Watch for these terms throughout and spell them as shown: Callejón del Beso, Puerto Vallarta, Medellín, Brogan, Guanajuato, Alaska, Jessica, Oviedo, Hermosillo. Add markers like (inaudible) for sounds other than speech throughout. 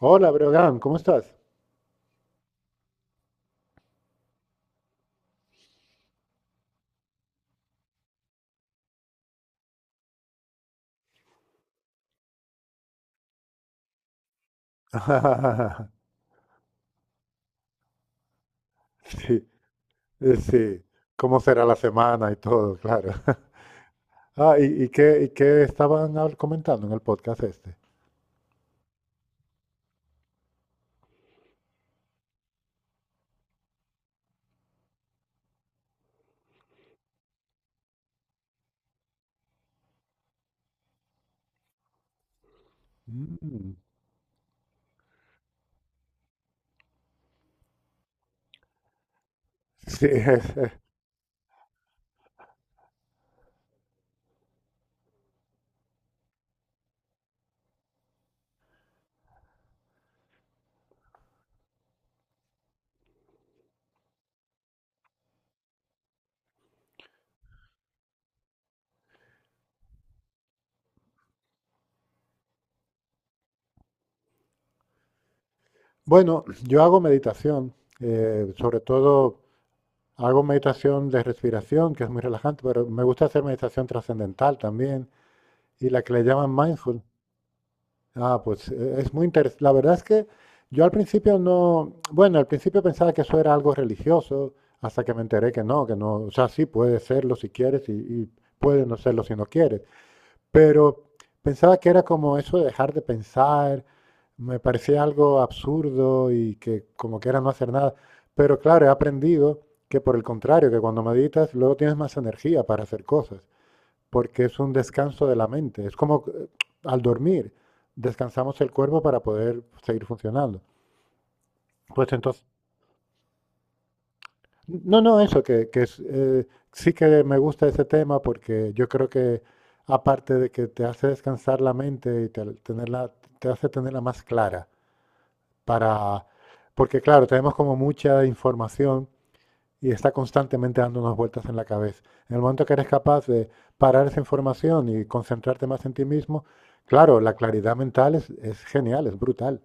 Hola, Brogan, ¿cómo estás? (laughs) Sí, sí. ¿Cómo será la semana y todo? Claro. (laughs) Ah, ¿y qué estaban comentando en el podcast este? Mm, sí. (laughs) es- es. Bueno, yo hago meditación, sobre todo hago meditación de respiración, que es muy relajante, pero me gusta hacer meditación trascendental también, y la que le llaman mindful. Ah, pues es muy interesante. La verdad es que yo al principio no, bueno, al principio pensaba que eso era algo religioso, hasta que me enteré que no, o sea, sí puede serlo si quieres y puede no serlo si no quieres. Pero pensaba que era como eso de dejar de pensar, me parecía algo absurdo y que como que era no hacer nada. Pero claro, he aprendido que por el contrario, que cuando meditas luego tienes más energía para hacer cosas porque es un descanso de la mente. Es como al dormir, descansamos el cuerpo para poder seguir funcionando. Pues entonces, no, no, eso, que es, sí que me gusta ese tema porque yo creo que aparte de que te hace descansar la mente y te, tenerla, te hace tenerla más clara para... Porque claro, tenemos como mucha información y está constantemente dando unas vueltas en la cabeza. En el momento que eres capaz de parar esa información y concentrarte más en ti mismo, claro, la claridad mental es genial, es brutal.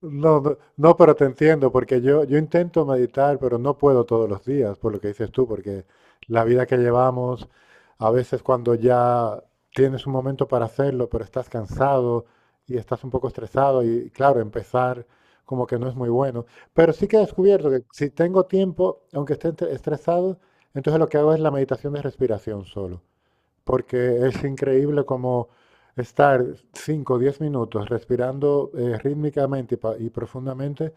No, no, no, pero te entiendo, porque yo intento meditar, pero no puedo todos los días, por lo que dices tú, porque la vida que llevamos, a veces cuando ya tienes un momento para hacerlo, pero estás cansado y estás un poco estresado y claro, empezar como que no es muy bueno. Pero sí que he descubierto que si tengo tiempo, aunque esté estresado, entonces lo que hago es la meditación de respiración solo. Porque es increíble como estar 5 o 10 minutos respirando rítmicamente y profundamente,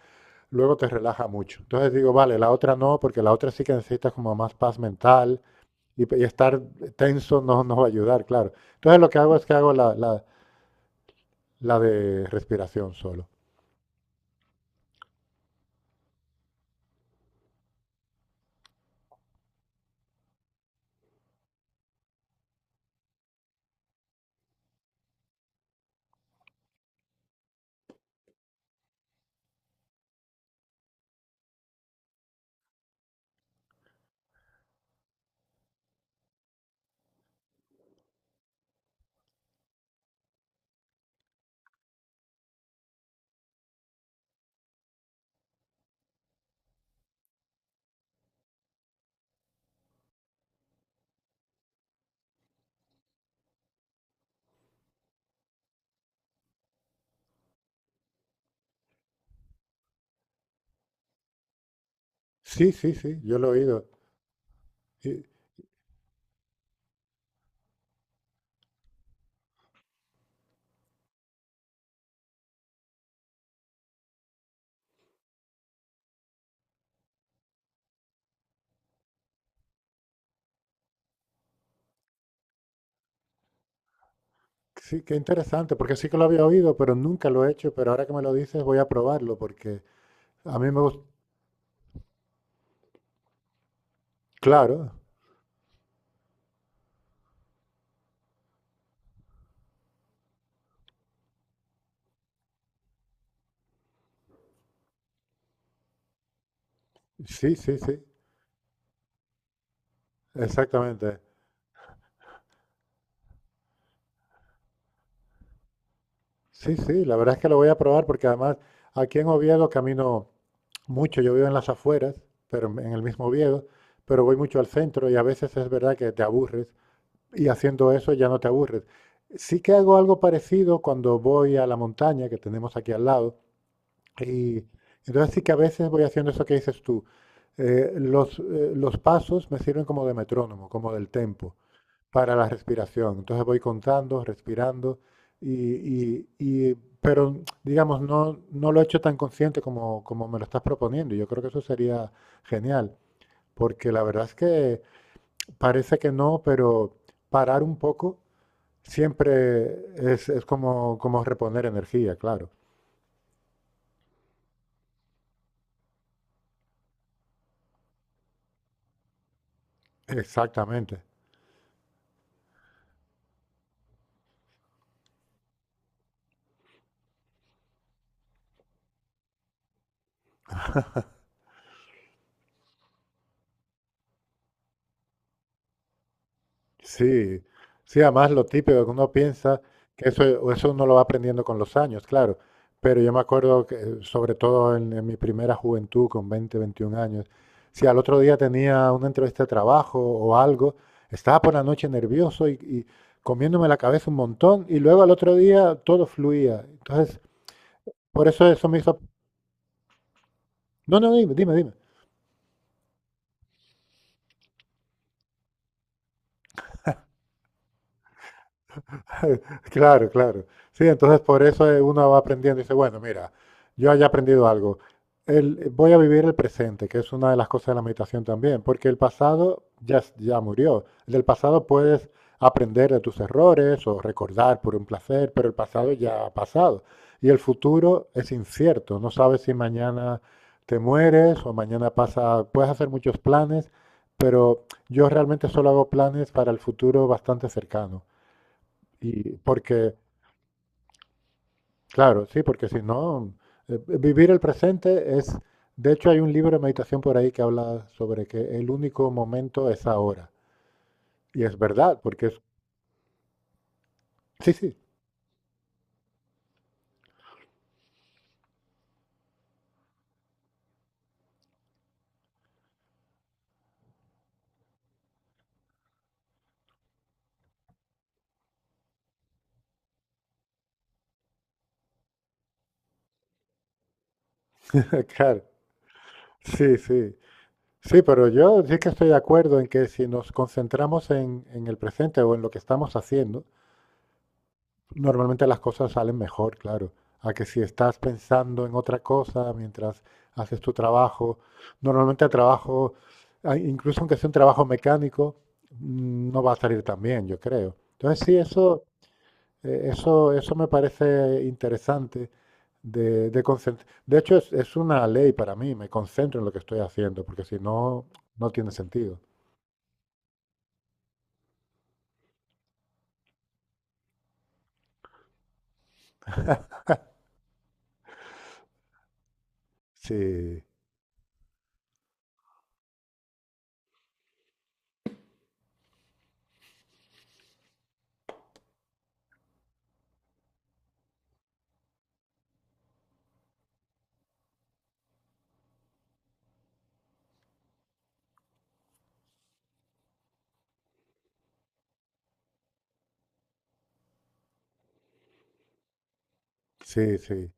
luego te relaja mucho. Entonces digo, vale, la otra no, porque la otra sí que necesitas como más paz mental y estar tenso no nos va a ayudar, claro. Entonces lo que hago es que hago la de respiración solo. Sí, sí, sí, yo lo he oído. Y sí, qué interesante, porque sí que lo había oído, pero nunca lo he hecho, pero ahora que me lo dices voy a probarlo, porque a mí me gusta, claro, sí, sí, sí. Exactamente. Sí, sí, la verdad es que lo voy a probar porque además aquí en Oviedo camino mucho. Yo vivo en las afueras, pero en el mismo Oviedo, pero voy mucho al centro y a veces es verdad que te aburres y haciendo eso ya no te aburres. Sí que hago algo parecido cuando voy a la montaña que tenemos aquí al lado y entonces sí que a veces voy haciendo eso que dices tú. Los pasos me sirven como de metrónomo, como del tempo para la respiración. Entonces voy contando, respirando, y, y- y- pero digamos, no, no lo he hecho tan consciente como me lo estás proponiendo. Y yo creo que eso sería genial, porque la verdad es que parece que no, pero parar un poco siempre es como reponer energía, claro. Exactamente. Sí, sí, además lo típico que uno piensa que eso, o eso uno lo va aprendiendo con los años, claro. Pero yo me acuerdo que, sobre todo en mi primera juventud, con 20, 21 años, si al otro día tenía una entrevista de trabajo o algo, estaba por la noche nervioso y comiéndome la cabeza un montón, y luego al otro día todo fluía. Entonces, por eso me hizo. No, no, dime, dime, dime. (laughs) Claro, claro. Sí, entonces por eso uno va aprendiendo y dice, bueno, mira, yo haya aprendido algo. Voy a vivir el presente, que es una de las cosas de la meditación también, porque el pasado ya, ya murió. Del pasado puedes aprender de tus errores o recordar por un placer, pero el pasado ya ha pasado. Y el futuro es incierto. No sabes si mañana te mueres o mañana pasa. Puedes hacer muchos planes, pero yo realmente solo hago planes para el futuro bastante cercano. Y porque, claro, sí, porque si no, vivir el presente es, de hecho hay un libro de meditación por ahí que habla sobre que el único momento es ahora. Y es verdad, porque es, sí, sí. (laughs) Claro, sí, sí. Sí, pero yo sí que estoy de acuerdo en que si nos concentramos en el presente o en lo que estamos haciendo, normalmente las cosas salen mejor, claro, a que si estás pensando en otra cosa mientras haces tu trabajo. Normalmente el trabajo, incluso aunque sea un trabajo mecánico, no va a salir tan bien, yo creo. Entonces sí, eso me parece interesante de De hecho, es una ley para mí, me concentro en lo que estoy haciendo, porque si no, no tiene sentido. Sí, sí, sí.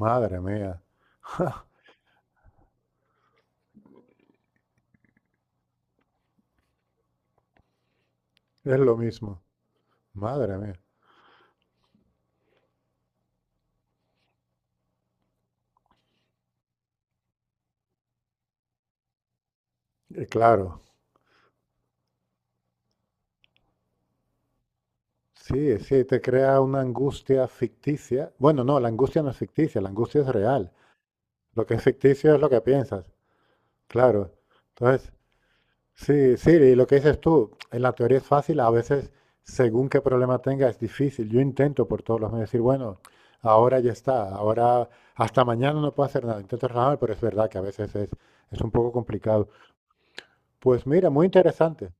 Madre mía, es lo mismo. Madre mía. Claro. Sí, sí, te crea una angustia ficticia. Bueno, no, la angustia no es ficticia, la angustia es real. Lo que es ficticio es lo que piensas, claro. Entonces, sí, sí, y lo que dices tú, en la teoría es fácil, a veces, según qué problema tenga, es difícil. Yo intento por todos los medios decir, bueno, ahora ya está, ahora hasta mañana no puedo hacer nada. Intento relajarme, pero es verdad que a veces es un poco complicado. Pues mira, muy interesante.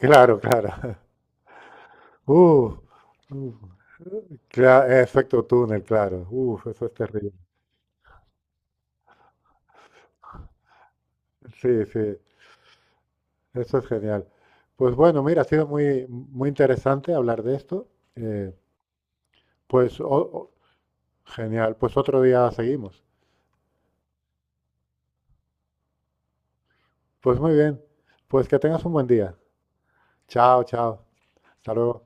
Claro, claro. (laughs) Uh, uh. Efecto túnel, claro. Uf, eso es terrible. Sí, sí, eso es genial. Pues bueno, mira, ha sido muy, muy interesante hablar de esto. Eh, pues genial, pues otro día seguimos. Pues muy bien, pues que tengas un buen día. Chao, chao. Hasta luego.